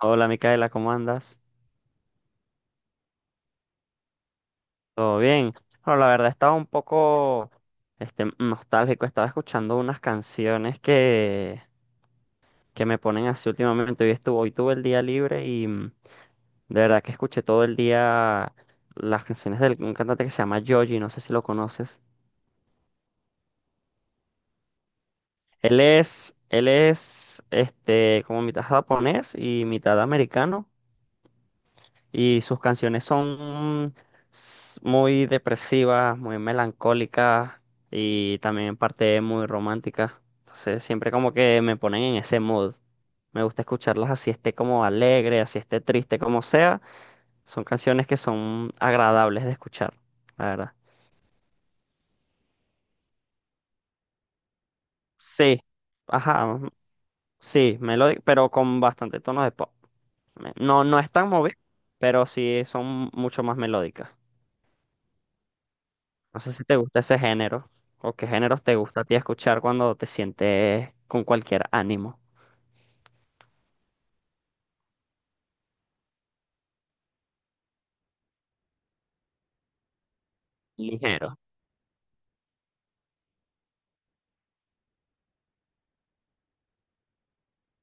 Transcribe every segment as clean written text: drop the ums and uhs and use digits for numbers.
Hola Micaela, ¿cómo andas? ¿Todo bien? Bueno, la verdad estaba un poco nostálgico, estaba escuchando unas canciones que me ponen así últimamente. Hoy tuve el día libre y de verdad que escuché todo el día las canciones de un cantante que se llama Yoji, no sé si lo conoces. Él es como mitad japonés y mitad americano. Y sus canciones son muy depresivas, muy melancólicas y también en parte muy románticas. Entonces siempre como que me ponen en ese mood. Me gusta escucharlas así esté como alegre, así esté triste, como sea. Son canciones que son agradables de escuchar, la verdad. Sí, ajá, sí, melódico, pero con bastante tono de pop. No, no es tan movido, pero sí son mucho más melódicas. No sé si te gusta ese género o qué géneros te gusta a ti escuchar cuando te sientes con cualquier ánimo. Ligero.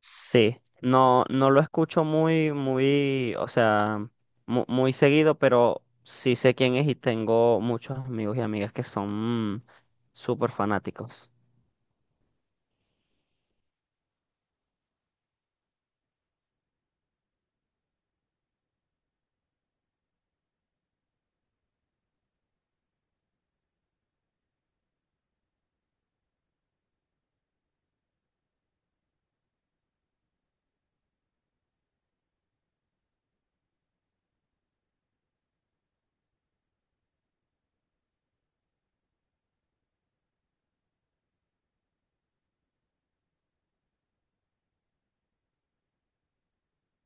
Sí, no, no lo escucho muy, o sea, muy, seguido, pero sí sé quién es y tengo muchos amigos y amigas que son mm, súper fanáticos.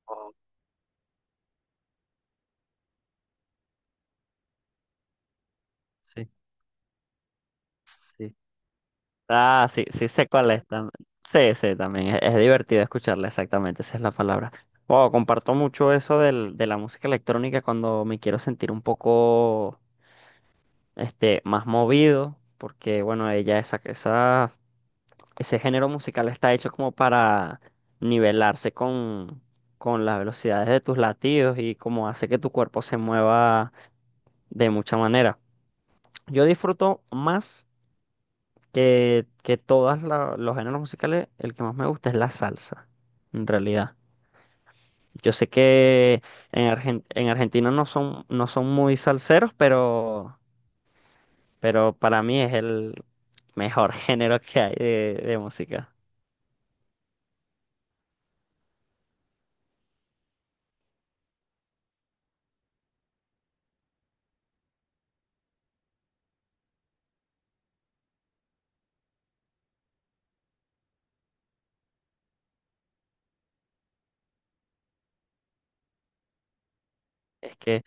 Oh, sí. Sí. Ah, sí, sí sé cuál es tam- sí, sí, también es divertido escucharla, exactamente, esa es la palabra. Wow, comparto mucho eso de la música electrónica cuando me quiero sentir un poco más movido, porque bueno, esa, ese género musical está hecho como para nivelarse con las velocidades de tus latidos y como hace que tu cuerpo se mueva de mucha manera. Yo disfruto más. Que los géneros musicales, el que más me gusta es la salsa, en realidad. Yo sé que en Argentina no son, no son muy salseros, pero para mí es el mejor género que hay de música. Es que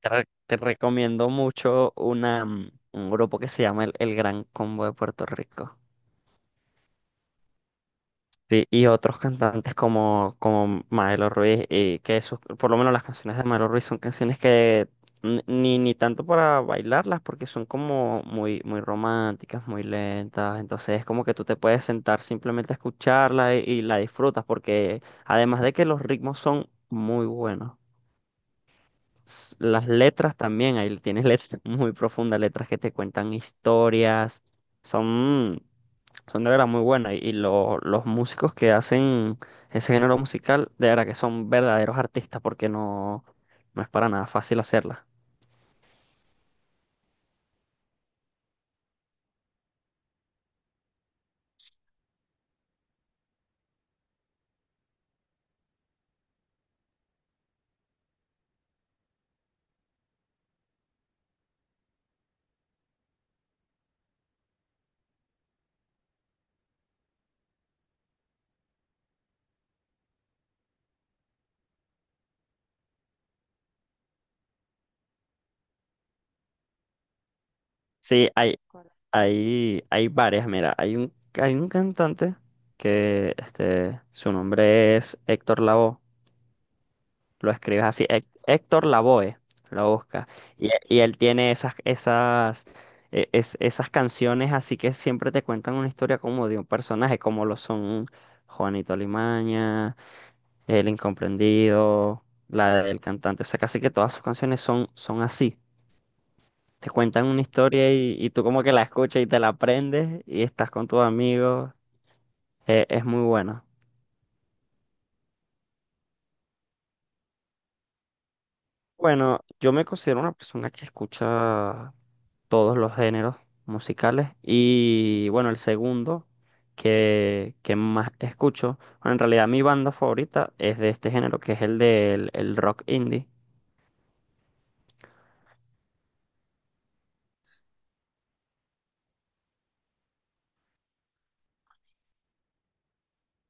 te, re- Te recomiendo mucho un grupo que se llama el Gran Combo de Puerto Rico. Sí, y otros cantantes como, como Maelo Ruiz, y por lo menos las canciones de Maelo Ruiz son canciones que ni tanto para bailarlas, porque son como muy, muy románticas, muy lentas, entonces es como que tú te puedes sentar simplemente a escucharla y la disfrutas, porque además de que los ritmos son muy buenos, las letras también, ahí tienes letras muy profundas, letras que te cuentan historias, son... Son de verdad muy buenas y los músicos que hacen ese género musical, de verdad que son verdaderos artistas porque no, no es para nada fácil hacerla. Sí, hay, ¿cuál? Hay varias, mira, hay un cantante que su nombre es Héctor Lavoe, lo escribes así, Héctor Lavoe, lo busca, y él tiene esas, esas, esas canciones así que siempre te cuentan una historia como de un personaje, como lo son... Juanito Alimaña, El Incomprendido, la del cantante. O sea, casi que todas sus canciones son, son así. Te cuentan una historia y tú como que la escuchas y te la aprendes y estás con tus amigos. Es muy bueno. Bueno, yo me considero una persona que escucha todos los géneros musicales y bueno, el segundo que más escucho, bueno, en realidad mi banda favorita es de este género, que es el del el rock indie.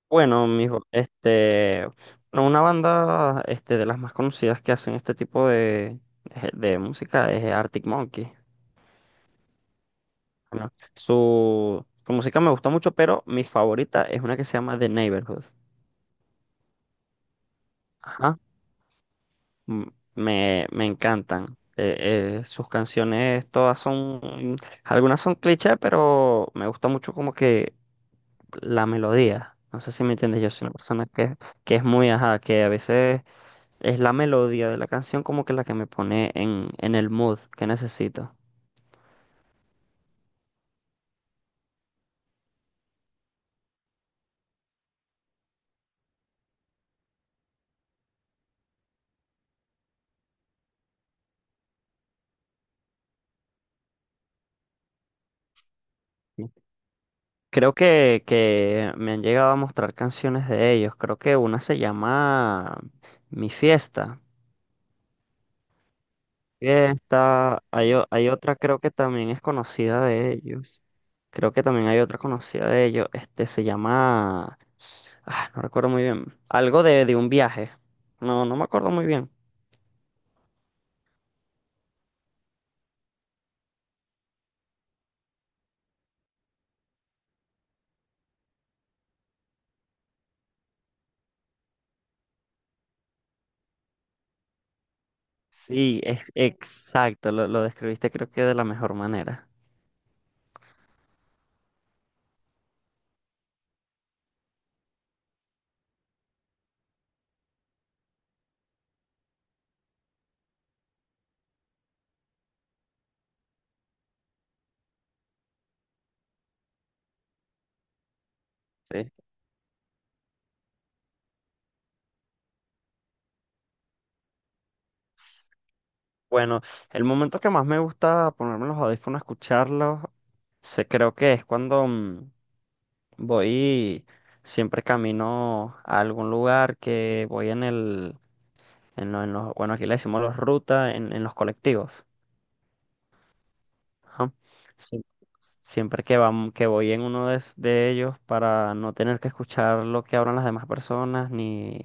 Bueno, mijo, bueno, una banda, de las más conocidas que hacen este tipo de música es Arctic Monkey. Bueno, su música me gusta mucho, pero mi favorita es una que se llama The Neighborhood. Ajá, m- me encantan. Sus canciones todas son, algunas son clichés, pero me gusta mucho como que la melodía. No sé si me entiendes, yo soy una persona que es muy, ajá, que a veces es la melodía de la canción como que la que me pone en el mood que necesito. Sí. Creo que me han llegado a mostrar canciones de ellos. Creo que una se llama Mi Fiesta. Fiesta. Hay, hay otra creo que también es conocida de ellos. Creo que también hay otra conocida de ellos. Este se llama... ah, no recuerdo muy bien. Algo de un viaje. No, no me acuerdo muy bien. Sí, es exacto. Lo describiste creo que de la mejor manera. Bueno, el momento que más me gusta ponerme los audífonos, escucharlos, se creo que es cuando voy, siempre camino a algún lugar que voy en los, bueno, aquí le decimos los rutas, en los colectivos. Ajá. Sie- Siempre que que voy en uno de, de ellos para no tener que escuchar lo que hablan las demás personas, ni,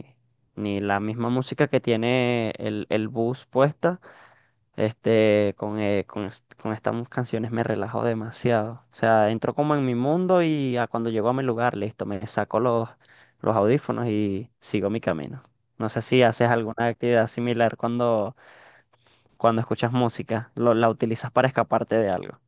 ni la misma música que tiene el bus puesta. Este, con estas canciones me relajo demasiado. O sea, entro como en mi mundo y a cuando llego a mi lugar, listo, me saco los audífonos y sigo mi camino. No sé si haces alguna actividad similar cuando, cuando escuchas música, la utilizas para escaparte de algo.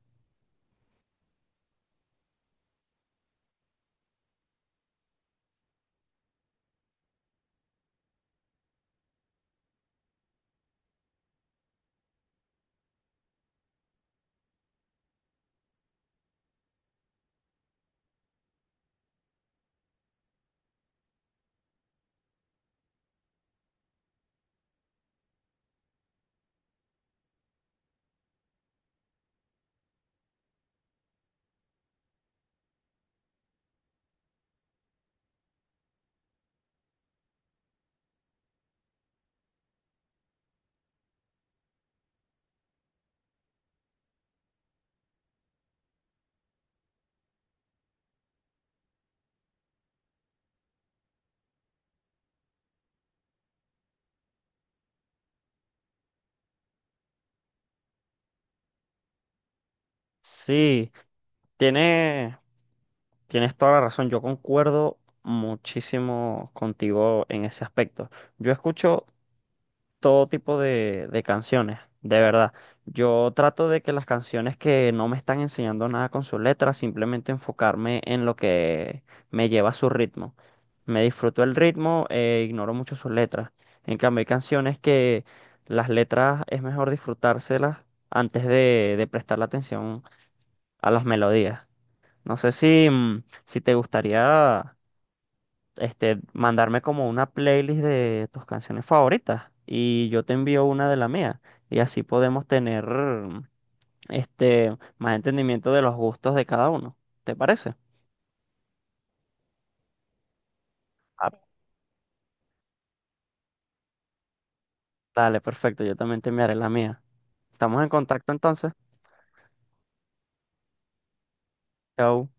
Sí, tiene, tienes toda la razón, yo concuerdo muchísimo contigo en ese aspecto. Yo escucho todo tipo de canciones, de verdad. Yo trato de que las canciones que no me están enseñando nada con su letra, simplemente enfocarme en lo que me lleva a su ritmo. Me disfruto el ritmo e ignoro mucho sus letras. En cambio, hay canciones que las letras es mejor disfrutárselas antes de prestar la atención a las melodías. No sé si, si te gustaría mandarme como una playlist de tus canciones favoritas y yo te envío una de la mía y así podemos tener más entendimiento de los gustos de cada uno. ¿Te parece? Ah, dale, perfecto, yo también te enviaré la mía. Estamos en contacto entonces. Chao.